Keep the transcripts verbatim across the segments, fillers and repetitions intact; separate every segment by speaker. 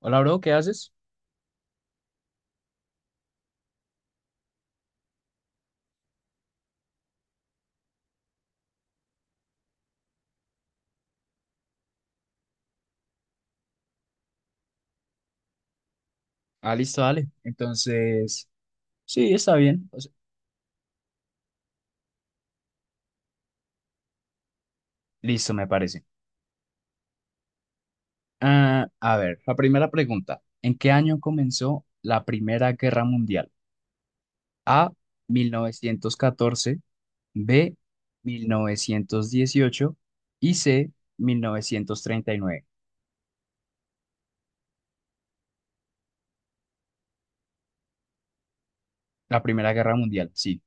Speaker 1: Hola, bro, ¿qué haces? Ah, listo, dale. Entonces, sí, está bien. O sea, listo, me parece. Ah, a ver, la primera pregunta. ¿En qué año comenzó la Primera Guerra Mundial? A, mil novecientos catorce. B, mil novecientos dieciocho. Y C, mil novecientos treinta y nueve. La Primera Guerra Mundial, sí.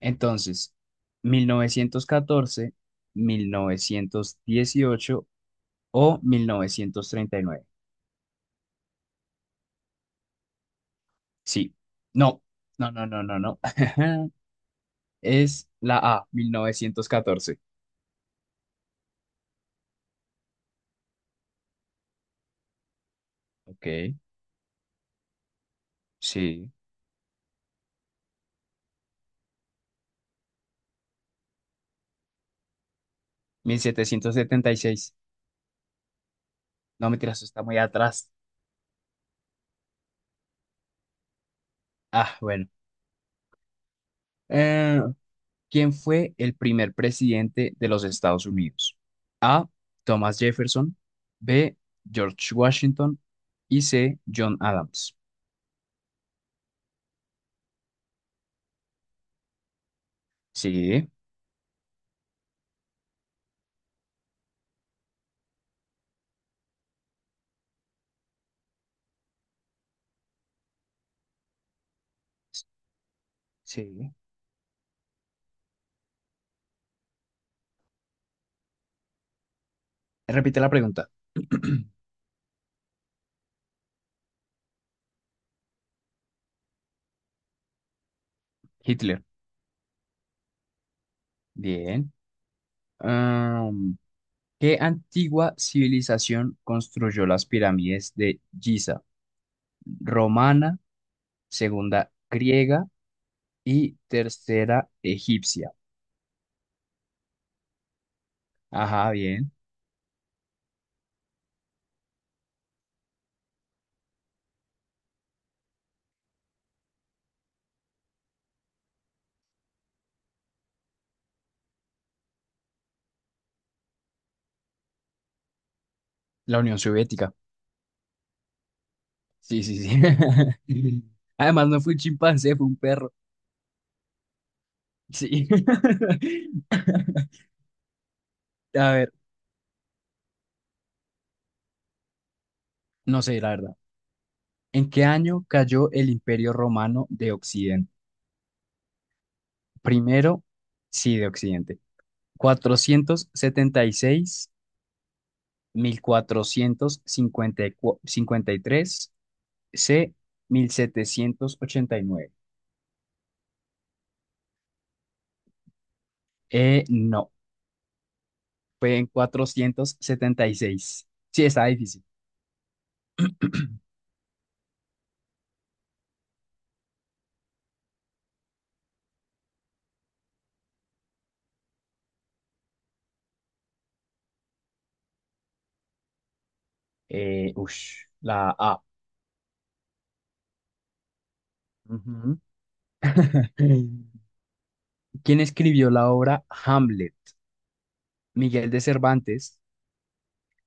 Speaker 1: Entonces, mil mil novecientos catorce, mil novecientos dieciocho, o mil novecientos treinta y nueve. Sí. No, no, no, no, no, no. Es la A, mil novecientos catorce. Ok. Sí. Mil setecientos setenta y seis. No, mentira, eso está muy atrás. Ah, bueno. Eh, ¿quién fue el primer presidente de los Estados Unidos? A, Thomas Jefferson. B, George Washington. Y C, John Adams. Sí, sí. Repite la pregunta. Hitler. Bien. ¿Qué antigua civilización construyó las pirámides de Giza? Romana, segunda griega y tercera egipcia. Ajá, bien. La Unión Soviética. Sí, sí, sí. Además, no fue un chimpancé, fue un perro. Sí. A ver, no sé, la verdad. ¿En qué año cayó el Imperio Romano de Occidente? Primero, sí, de Occidente. Cuatrocientos setenta y seis. Mil cuatrocientos cincuenta y tres. C, mil setecientos ochenta y nueve. Eh, no, fue en cuatrocientos setenta y seis. Sí, está difícil. Eh, ush, la A. Ujú. ¿Quién escribió la obra Hamlet? ¿Miguel de Cervantes,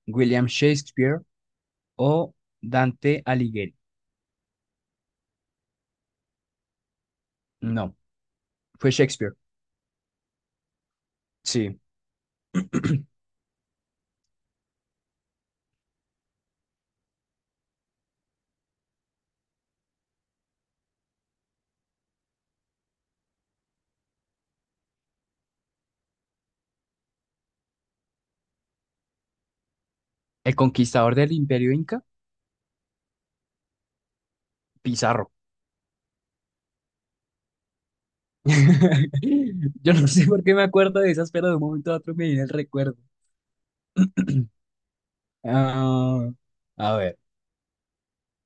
Speaker 1: William Shakespeare o Dante Alighieri? No, fue Shakespeare. Sí. ¿El conquistador del Imperio Inca? Pizarro. Yo no sé por qué me acuerdo de esas, pero de un momento a otro me viene el recuerdo. Ah, a ver,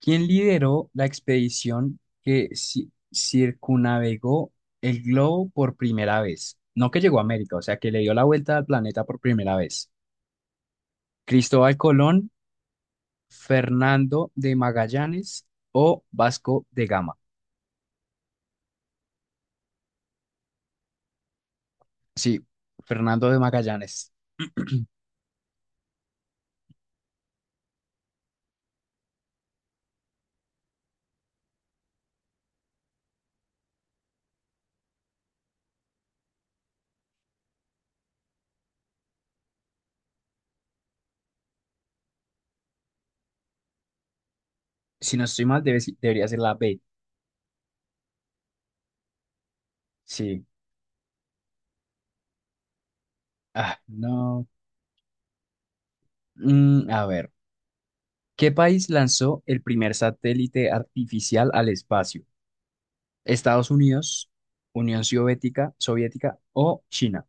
Speaker 1: ¿quién lideró la expedición que ci- circunnavegó el globo por primera vez? No que llegó a América, o sea, que le dio la vuelta al planeta por primera vez. ¿Cristóbal Colón, Fernando de Magallanes o Vasco de Gama? Sí, Fernando de Magallanes. Si no estoy mal, debe- si-, debería ser la B. Sí. Ah, no. Mm, a ver. ¿Qué país lanzó el primer satélite artificial al espacio? ¿Estados Unidos, Unión Soviética, Soviética o China?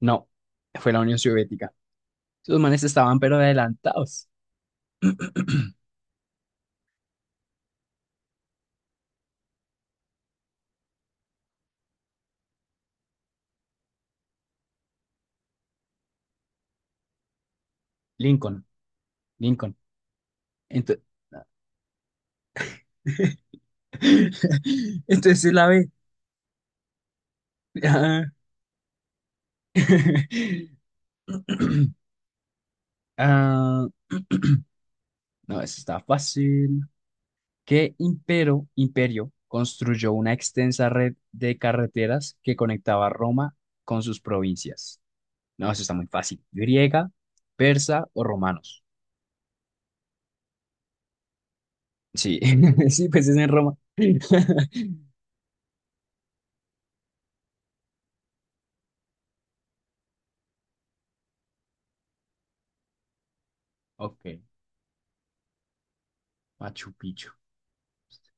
Speaker 1: No, fue la Unión Soviética. Esos manes estaban pero adelantados. Lincoln, Lincoln. Ento- Entonces es la B. Ah. Ah, no, eso está fácil. ¿Qué impero, imperio construyó una extensa red de carreteras que conectaba Roma con sus provincias? No, eso está muy fácil. Griega, persa o romanos. Sí, sí, pues es en Roma. Ok, Machu Picchu,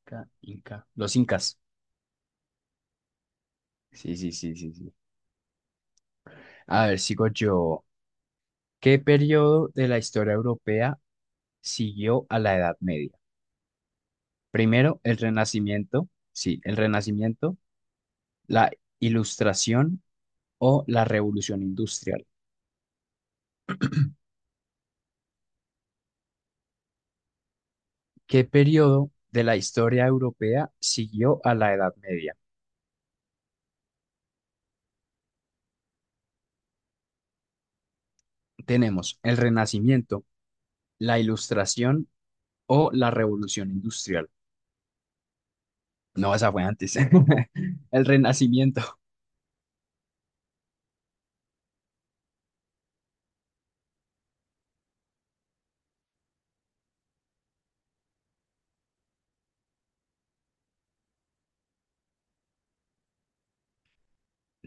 Speaker 1: Ca- Inca. Los incas. Sí, sí, sí, sí, sí. A ver, sigo yo. ¿Qué periodo de la historia europea siguió a la Edad Media? Primero, el Renacimiento, sí, el Renacimiento, la Ilustración o la Revolución Industrial. ¿Qué periodo de la historia europea siguió a la Edad Media? Tenemos el Renacimiento, la Ilustración o la Revolución Industrial. No, esa fue antes. El Renacimiento.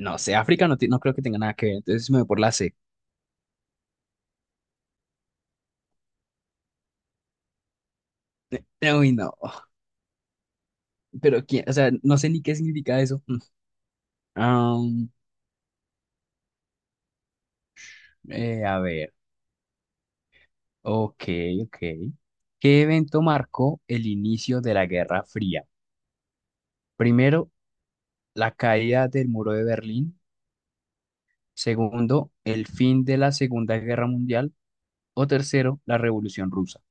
Speaker 1: No sé, África no, ti- no creo que tenga nada que ver. Entonces me voy por la C. Uy, no. Pero quién, o sea, no sé ni qué significa eso. Mm. Am, eh, a ver. Ok, ok. ¿Qué evento marcó el inicio de la Guerra Fría? Primero, la caída del muro de Berlín. Segundo, el fin de la Segunda Guerra Mundial. O tercero, la Revolución Rusa.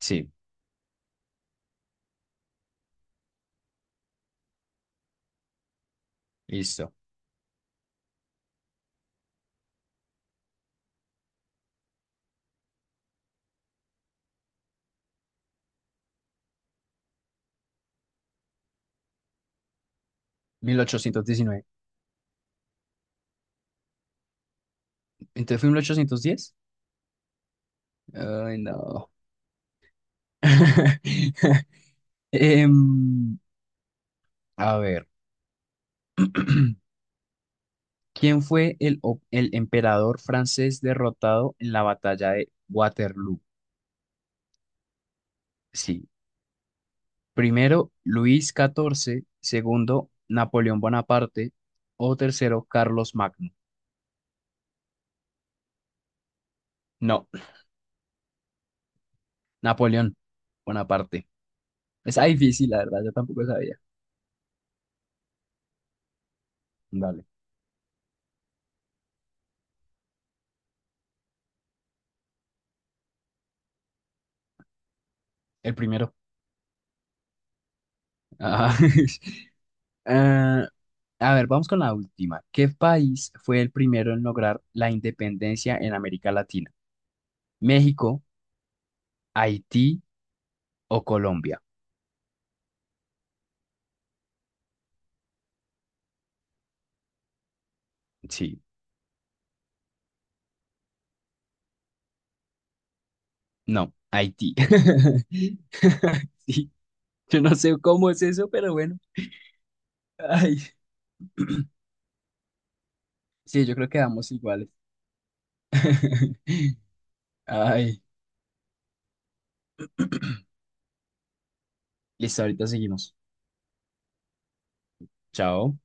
Speaker 1: Sí, listo. Mil ochocientos diecinueve. Entonces fue mil ochocientos diez. Ay, no. Em, a ver. ¿Quién fue el, o- el emperador francés derrotado en la batalla de Waterloo? Sí. Primero, Luis catorce. Segundo, Napoleón Bonaparte. O tercero, Carlos Magno. No, Napoleón Bonaparte. Es difícil, la verdad, yo tampoco sabía. Dale. El primero. Ah. A ver, vamos con la última. ¿Qué país fue el primero en lograr la independencia en América Latina? ¿México, Haití o Colombia? Sí, no, Haití. Sí, yo no sé cómo es eso, pero bueno. Ay, sí, yo creo que vamos iguales. Ay, listo, ahorita seguimos. Chao.